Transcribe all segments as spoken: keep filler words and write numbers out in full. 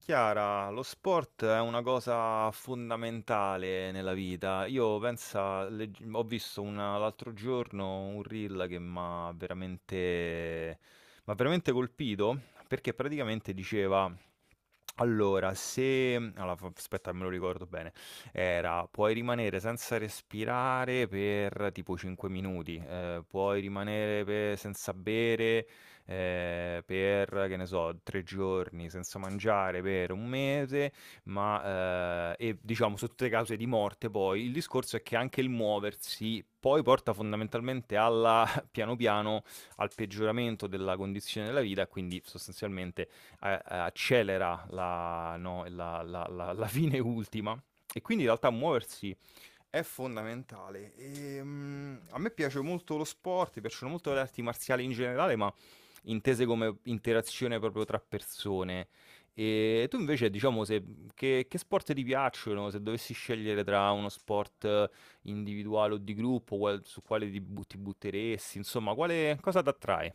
Chiara, lo sport è una cosa fondamentale nella vita. Io pensa, legg- ho visto una- l'altro giorno un reel che mi ha veramente, m'ha veramente colpito perché praticamente diceva. Allora, se mhmm, allora fa aspetta che me lo ricordo bene, era: puoi rimanere senza respirare per tipo cinque minuti, ehm, puoi rimanere pe senza bere, ehm, per, che ne so, tre giorni, senza mangiare per un mese, ma, ehm e diciamo sotto le cause di morte poi, il discorso è che anche il muoversi poi porta fondamentalmente alla piano piano, al peggioramento della condizione della vita e quindi sostanzialmente a accelera la no, la la la la fine ultima, e quindi in realtà muoversi è fondamentale. Ehm, a me piace molto lo sport, mi piacciono molto le arti marziali in generale, ma intese come interazione proprio tra persone. E tu invece, diciamo, se che che sport ti piacciono? Se dovessi scegliere tra uno sport eh, individuale o di gruppo, qual su quale ti bu ti butteresti, insomma, quale cosa t'attrae?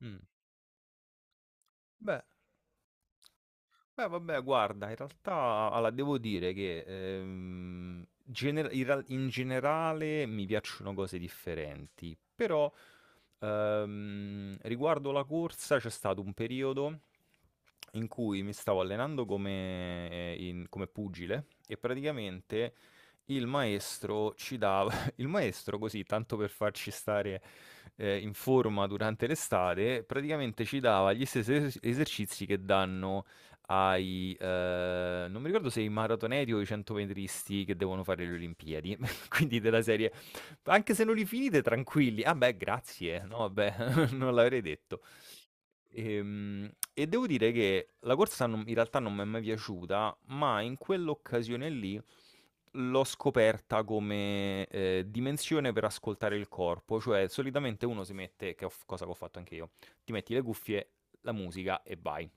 Mh. Beh Beh, vabbè, guarda, in realtà, allora, devo dire che ehm, gener- in, real- in generale mi piacciono cose differenti, però ehm, riguardo la corsa c'è stato un periodo in cui mi stavo allenando come, eh, in- come pugile, e praticamente il maestro ci dava, il maestro così, tanto per farci stare eh, in forma durante l'estate, praticamente ci dava gli stessi es- esercizi che danno hai, ehm, non mi ricordo se i maratoneti o i centometristi che devono fare le Olimpiadi, quindi della serie: "Anche se non li finite tranquilli". "Ah, beh, grazie, no, vabbè, non l'avrei detto". Ehm, e devo dire che la corsa non in realtà non m'è mai piaciuta, ma in quell'occasione lì l'ho scoperta come, ehm, dimensione per ascoltare il corpo, cioè solitamente uno si mette, che ho f cosa che ho fatto anche io, ti metti le cuffie, la musica e vai.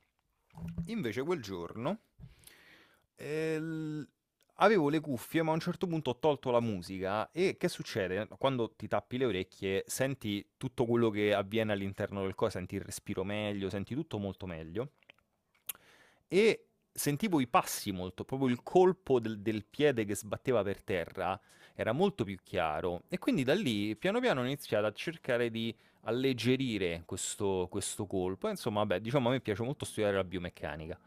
Invece quel giorno, ehm, l avevo le cuffie, ma a un certo punto ho tolto la musica. E che succede? Quando ti tappi le orecchie senti tutto quello che avviene all'interno del co senti il respiro meglio, senti tutto molto meglio, e sentivo i passi molto, proprio il colpo del del piede che sbatteva per terra era molto più chiaro, e quindi da lì piano piano ho iniziato a cercare di alleggerire questo questo colpo, e insomma vabbè, diciamo a me piace molto studiare la biomeccanica,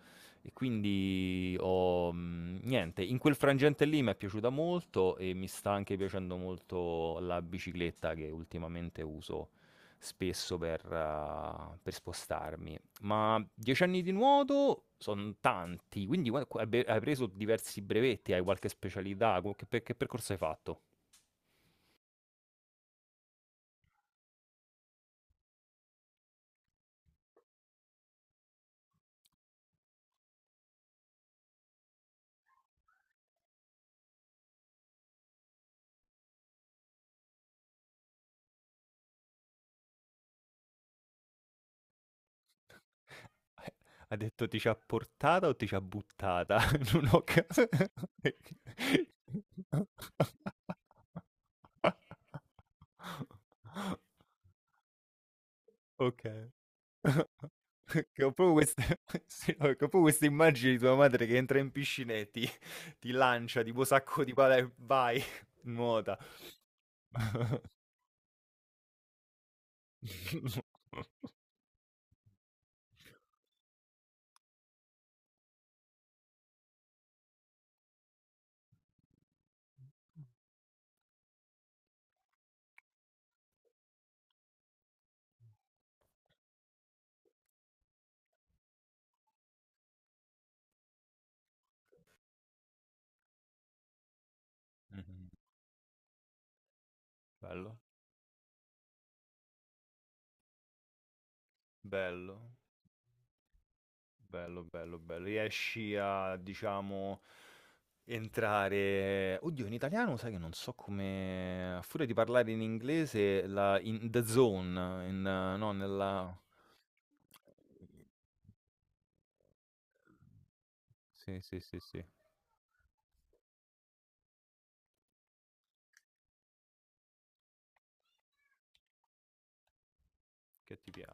e quindi ho mhmm, niente, in quel frangente lì m'è piaciuta molto, e mi sta anche piacendo molto la bicicletta che ultimamente uso spesso per eh, per spostarmi. Ma dieci anni di nuoto sono tanti, quindi qua- qua- hai be- hai preso diversi brevetti, hai qualche specialità, co- che, per- che percorso hai fatto? Ha detto ti ci ha portata o ti ci ha buttata? Non ho capito. Ok. Che ho proprio queste, sì, no, che ho proprio queste immagini di tua madre che entra in piscina e ti, ti lancia tipo sacco di palle e vai, nuota. Mh-mh. Bello, bello, bello, bello, bello. Riesci a, diciamo, entrare, oddio in italiano sai che non so come, a furia di parlare in inglese, la in the zone, in eh, no, nella... Sì, sì, sì, sì, che ti pia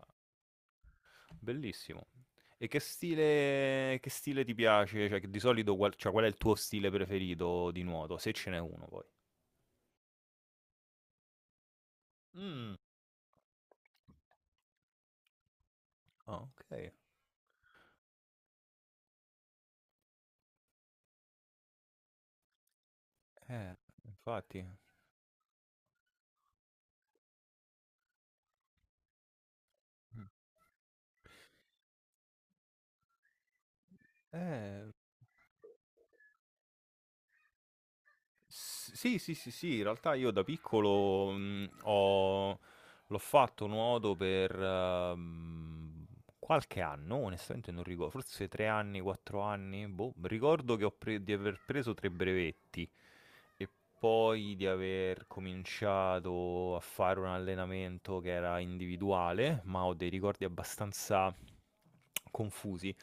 bellissimo. E che stile, che stile ti piace? Cioè, che di solito qual, cioè, qual è il tuo stile preferito di nuoto? Se ce n'è uno poi. Mm, Ah, ok. Eh, infatti. Mm. Eh, S- Sì, sì, sì, sì, in realtà io da piccolo, mh, ho, l'ho fatto nuoto per ehm, qualche anno, onestamente non ricordo, forse tre anni, quattro anni, boh, ricordo che ho pre- di aver preso tre brevetti, e poi di aver cominciato a fare un allenamento che era individuale, ma ho dei ricordi abbastanza confusi.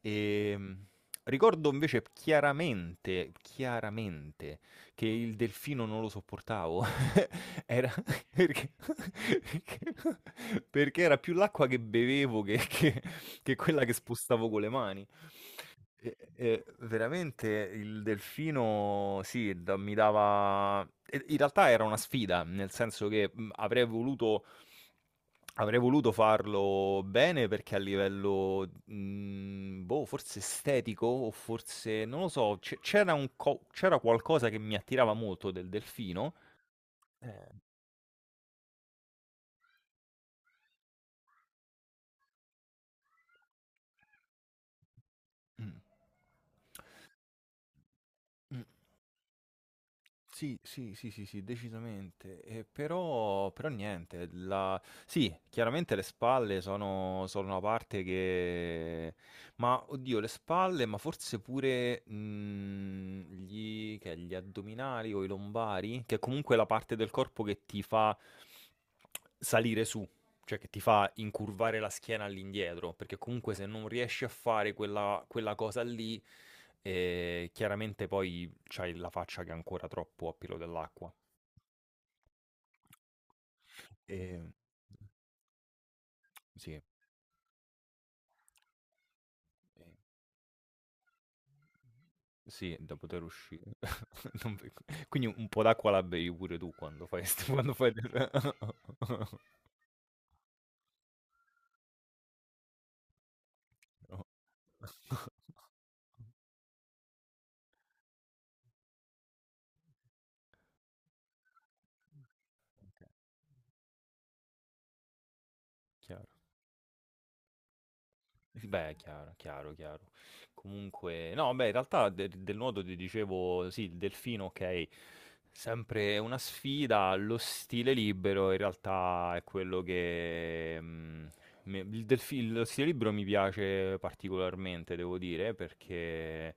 E, mh, ricordo invece chiaramente, chiaramente, che il delfino non lo sopportavo. Era perché perché era più l'acqua che bevevo che che che quella che spostavo con le mani. E e veramente il delfino sì, da mi dava, e in realtà era una sfida, nel senso che, mhmm, avrei voluto, Avrei voluto farlo bene, perché a livello, mhmm, boh, forse estetico o forse non lo so, c'e c'era un co c'era qualcosa che mi attirava molto del delfino. Eh. Mh. Mh. Sì, sì, sì, sì, sì, decisamente. E però però niente, la, sì, chiaramente le spalle sono sono una parte che, ma oddio, le spalle, ma forse pure, mhmm, gli che è, gli addominali o i lombari, che è comunque la parte del corpo che ti fa salire su, cioè che ti fa incurvare la schiena all'indietro, perché comunque se non riesci a fare quella, quella cosa lì, eh, chiaramente poi c'hai la faccia che è ancora troppo a pelo dell'acqua. Ehm, sì, eh, sì, da poter uscire. Non ve- Quindi un po' d'acqua la bevi pure tu quando fai, st- quando fai... del- No. Ok, chiaro. Sì, beh, chiaro, chiaro, chiaro. Comunque, no, beh, in realtà de- del nuoto ti dicevo, sì, il delfino, ok, sempre una sfida, lo stile libero in realtà è quello che... mm, mi- il delfi- lo stile libero mi piace particolarmente, devo dire, perché...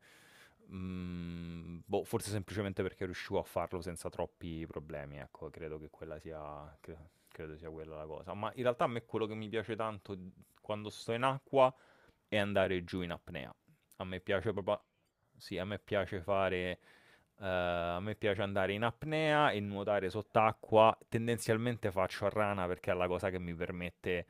mm, boh, forse semplicemente perché riuscivo a farlo senza troppi problemi, ecco, credo che quella sia... cre- credo sia quella la cosa. Ma in realtà a me quello che mi piace tanto quando sto in acqua e andare giù in apnea. A me piace proprio... Sì, a me piace fare... eh, a me piace andare in apnea e nuotare sott'acqua. Tendenzialmente faccio a rana perché è la cosa che mi permette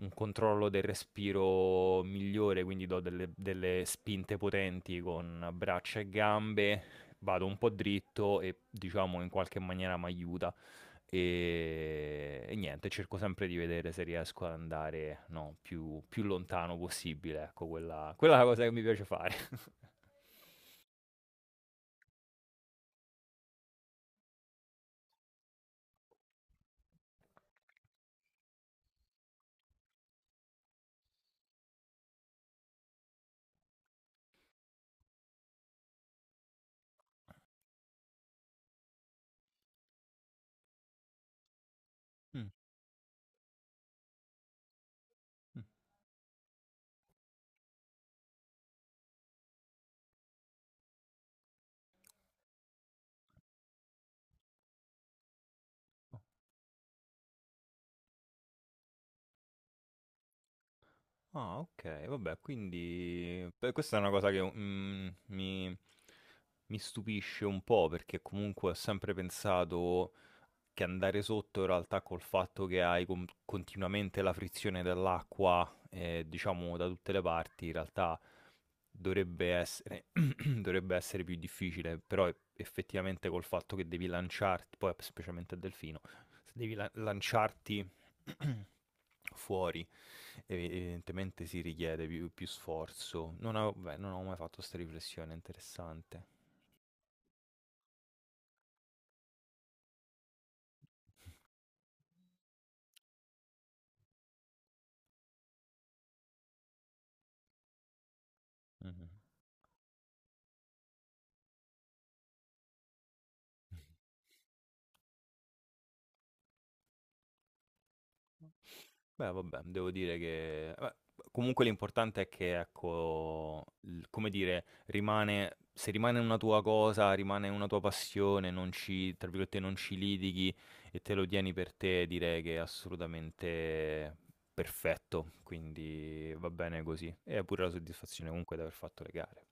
un controllo del respiro migliore, quindi do delle, delle spinte potenti con braccia e gambe, vado un po' dritto, e diciamo in qualche maniera mi aiuta, e, e niente, cerco sempre di vedere se riesco ad andare, no, più, più lontano possibile, ecco, quella, quella è la cosa che mi piace fare. Mm, mm, oh. Ah, ok, vabbè, quindi beh, questa è una cosa che mm, mi, mi stupisce un po', perché comunque ho sempre pensato che andare sotto in realtà, col fatto che hai con- continuamente la frizione dell'acqua, eh, diciamo da tutte le parti, in realtà dovrebbe essere, dovrebbe essere più difficile, però e- effettivamente col fatto che devi lanciarti, poi specialmente a delfino, se devi la- lanciarti fuori, ev- evidentemente si richiede più, più sforzo. Non avevo, beh, non ho mai fatto questa riflessione, interessante. Mhm. Beh, vabbè, devo dire che, vabbè, comunque l'importante è che, ecco, l come dire, rimane, se rimane una tua cosa, rimane una tua passione, non ci, tra virgolette, "non ci litighi", e te lo tieni per te, direi che è assolutamente perfetto, quindi va bene così. E è pure la soddisfazione comunque di aver fatto le gare.